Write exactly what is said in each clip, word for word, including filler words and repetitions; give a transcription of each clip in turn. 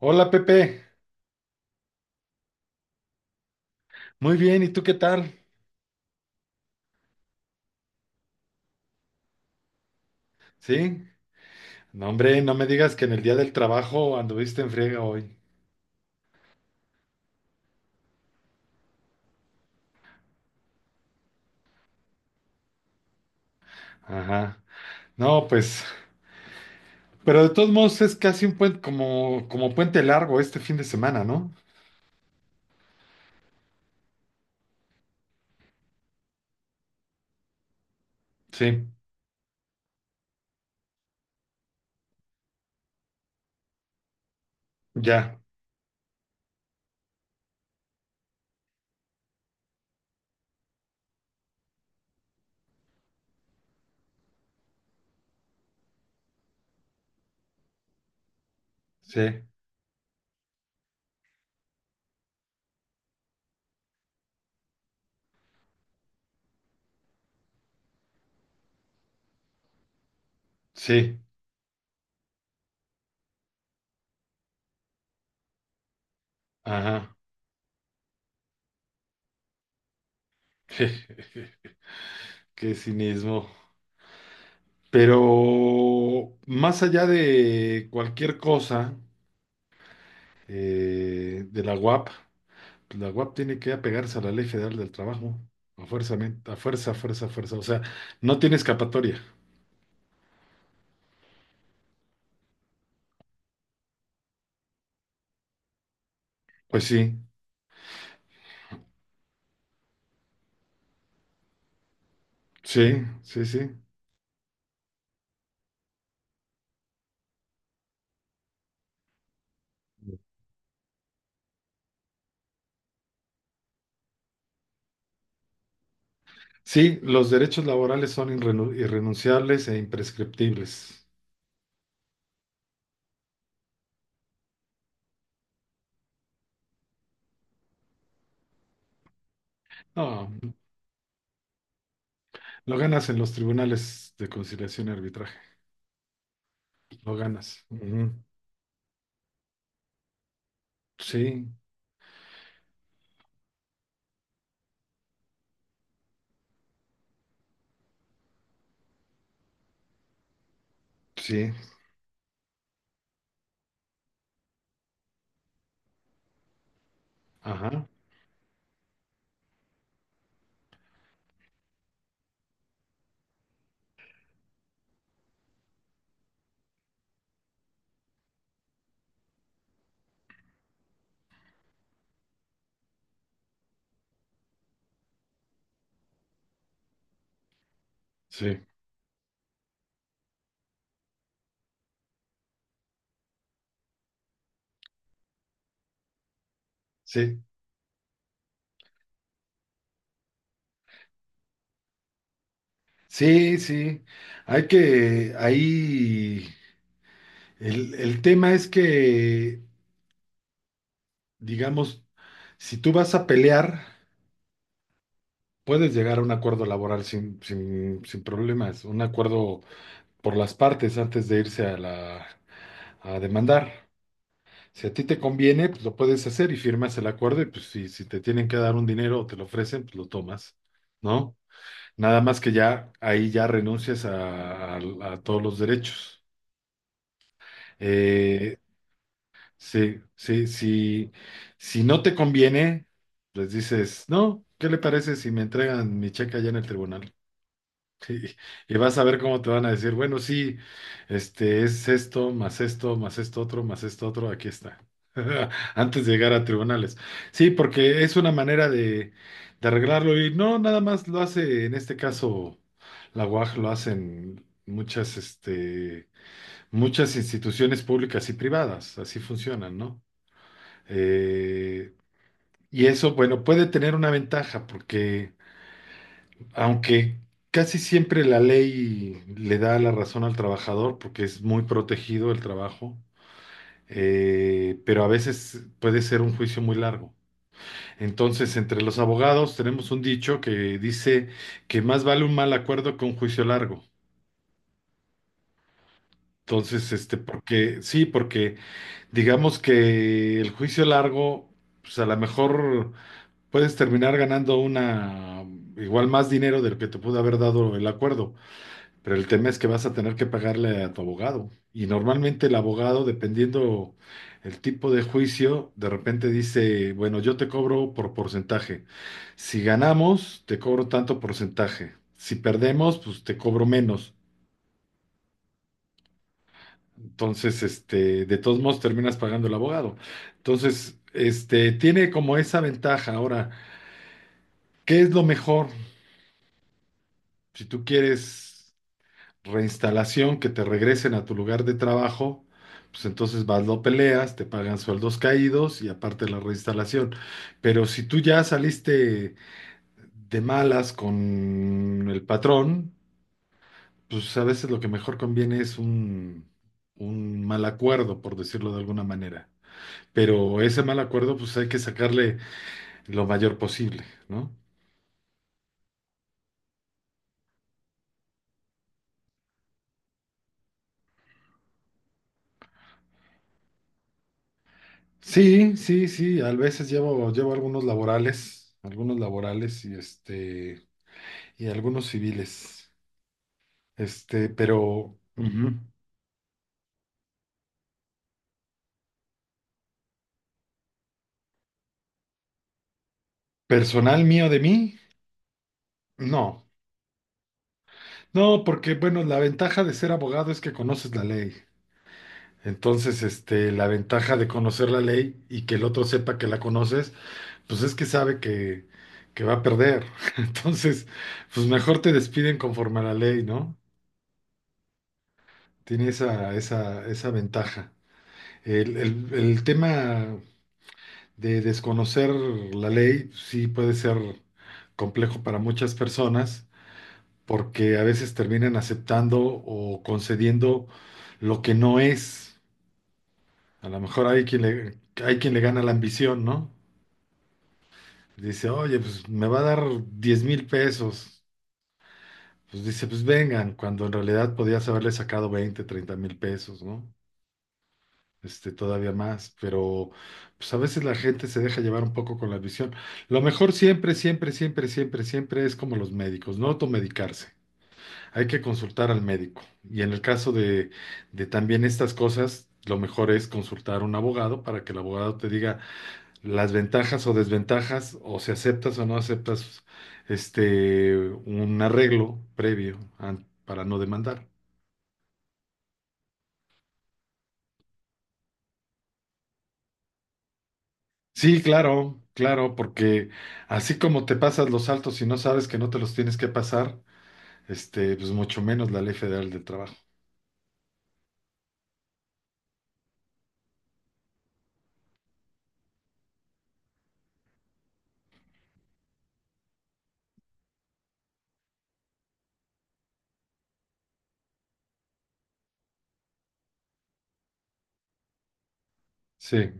Hola Pepe, muy bien, ¿y tú qué tal? ¿Sí? No, hombre, no me digas que en el Día del Trabajo anduviste en friega hoy. Ajá. No, pues, pero de todos modos es casi un puente, como, como puente largo este fin de semana, ¿no? Sí, ya, sí, sí, ajá. Qué cinismo. Pero más allá de cualquier cosa, eh, de la U A P. La U A P tiene que apegarse a la Ley Federal del Trabajo, a fuerza, men- a fuerza, fuerza, fuerza. O sea, no tiene escapatoria. Pues sí, sí, sí, sí. Sí, los derechos laborales son irrenu- irrenunciables e imprescriptibles. No, lo ganas en los tribunales de conciliación y arbitraje. Lo ganas. Ujú. Sí, sí, ajá, sí, sí, sí, sí. Hay que, ahí, el, el tema es que digamos, si tú vas a pelear, puedes llegar a un acuerdo laboral sin, sin, sin problemas, un acuerdo por las partes antes de irse a la, a demandar. Si a ti te conviene, pues lo puedes hacer y firmas el acuerdo y pues si, si te tienen que dar un dinero o te lo ofrecen, pues lo tomas, ¿no? Nada más que ya ahí ya renuncias a, a- a todos los derechos. Eh, Sí, sí, sí. Si no te conviene, pues dices, no, ¿qué le parece si me entregan mi cheque allá en el tribunal? Sí. Y vas a ver cómo te van a decir, bueno, sí, este es esto, más esto, más esto otro, más esto otro, aquí está. Antes de llegar a tribunales. Sí, porque es una manera de, de arreglarlo y no nada más lo hace, en este caso, la U A G lo hacen muchas, este, muchas instituciones públicas y privadas, así funcionan, ¿no? Eh, y eso, bueno, puede tener una ventaja porque aunque casi siempre la ley le da la razón al trabajador porque es muy protegido el trabajo, eh, pero a veces puede ser un juicio muy largo. Entonces, entre los abogados tenemos un dicho que dice que más vale un mal acuerdo que un juicio largo. Entonces, este, porque sí, porque digamos que el juicio largo, pues a lo mejor puedes terminar ganando una, igual más dinero de lo que te pudo haber dado el acuerdo, pero el tema es que vas a tener que pagarle a tu abogado. Y normalmente el abogado, dependiendo el tipo de juicio, de repente dice, bueno, yo te cobro por porcentaje. Si ganamos, te cobro tanto porcentaje. Si perdemos, pues te cobro menos. Entonces, este, de todos modos terminas pagando el abogado. Entonces, este, tiene como esa ventaja. Ahora, ¿qué es lo mejor? Si tú quieres reinstalación, que te regresen a tu lugar de trabajo, pues entonces vas, lo peleas, te pagan sueldos caídos y aparte la reinstalación. Pero si tú ya saliste de malas con el patrón, pues a veces lo que mejor conviene es un, un mal acuerdo, por decirlo de alguna manera. Pero ese mal acuerdo, pues hay que sacarle lo mayor posible, ¿no? Sí, sí, sí, a veces llevo, llevo algunos laborales, algunos laborales y este... y algunos civiles. Este, pero ujú. Personal mío de mí, no. No, porque bueno, la ventaja de ser abogado es que conoces la ley. Entonces, este, la ventaja de conocer la ley y que el otro sepa que la conoces, pues es que sabe que, que va a perder. Entonces, pues mejor te despiden conforme a la ley, ¿no? Tiene esa, esa, esa ventaja. El, el- el tema de desconocer la ley sí puede ser complejo para muchas personas porque a veces terminan aceptando o concediendo lo que no es. A lo mejor hay quien le, hay quien le gana la ambición, ¿no? Dice, oye, pues me va a dar diez mil pesos. Pues dice, pues vengan, cuando en realidad podías haberle sacado veinte treinta mil pesos, ¿no? este, todavía más, pero pues a veces la gente se deja llevar un poco con la visión. Lo mejor siempre, siempre, siempre, siempre, siempre es como los médicos, no automedicarse. Hay que consultar al médico. Y en el caso de, de también estas cosas, lo mejor es consultar a un abogado para que el abogado te diga las ventajas o desventajas, o si aceptas o no aceptas este, un arreglo previo an- para no demandar. Sí, claro, claro, porque así como te pasas los saltos y no sabes que no te los tienes que pasar, este, pues mucho menos la Ley Federal del Trabajo. Sí,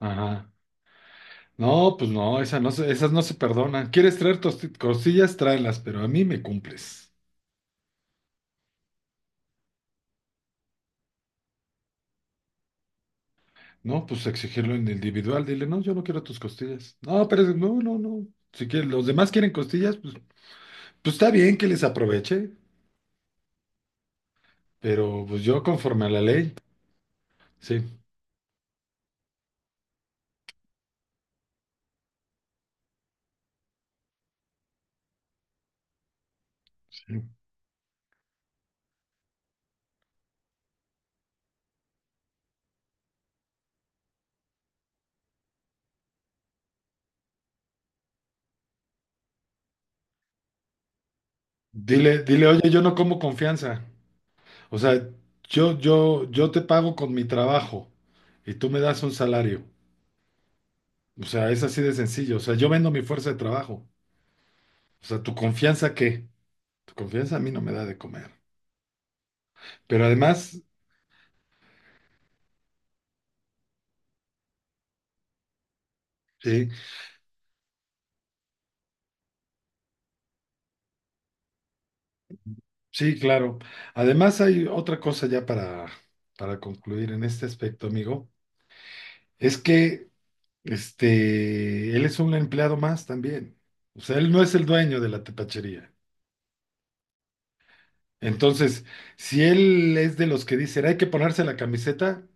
ajá. No, pues no, esa no se- esas no se perdonan. ¿Quieres traer tosti- costillas? Tráelas, pero a mí me cumples. No, pues exigirlo en individual. Dile, no, yo no quiero tus costillas. No, pero es- no, no, no. Si quieres, los demás quieren costillas, pues, pues, está bien que les aproveche, pero pues yo conforme a la ley, sí. Dile, dile, oye, yo no como confianza. O sea, yo, yo, yo te pago con mi trabajo y tú me das un salario. O sea, es así de sencillo. O sea, yo vendo mi fuerza de trabajo. O sea, ¿tu confianza qué? Tu confianza a mí no me da de comer. Pero además, sí, sí, claro. Además hay otra cosa ya para, para concluir en este aspecto, amigo. Es que, este, él es un empleado más también. O sea, él no es el dueño de la tepachería. Entonces, si él es de los que dicen, hay que ponerse la camiseta,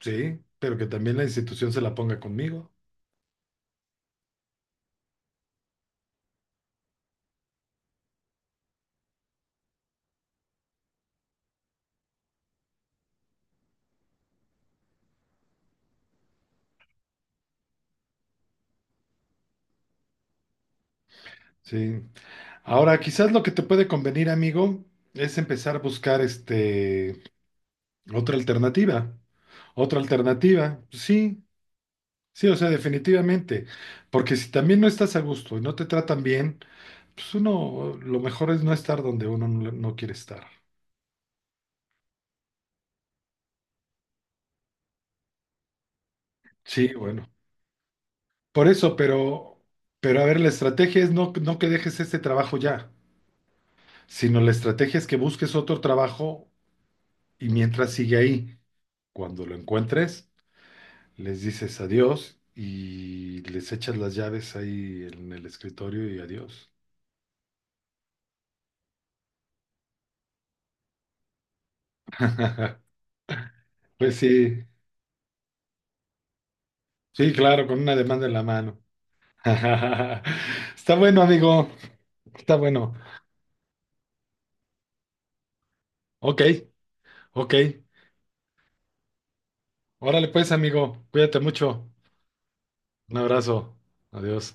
sí, pero que también la institución se la ponga conmigo, sí. Ahora, quizás lo que te puede convenir, amigo, es empezar a buscar este, otra alternativa. Otra alternativa, sí, sí, o sea, definitivamente. Porque si también no estás a gusto y no te tratan bien, pues uno, lo mejor es no estar donde uno no no quiere estar. Sí, bueno. Por eso, pero, pero a ver, la estrategia es no, no que dejes este trabajo ya, sino la estrategia es que busques otro trabajo y mientras sigue ahí, cuando lo encuentres, les dices adiós y les echas las llaves ahí en el escritorio y adiós. Pues sí, sí, claro, con una demanda en la mano. Está bueno, amigo, está bueno. Ok, ok. Órale pues, amigo, cuídate mucho. Un abrazo. Adiós.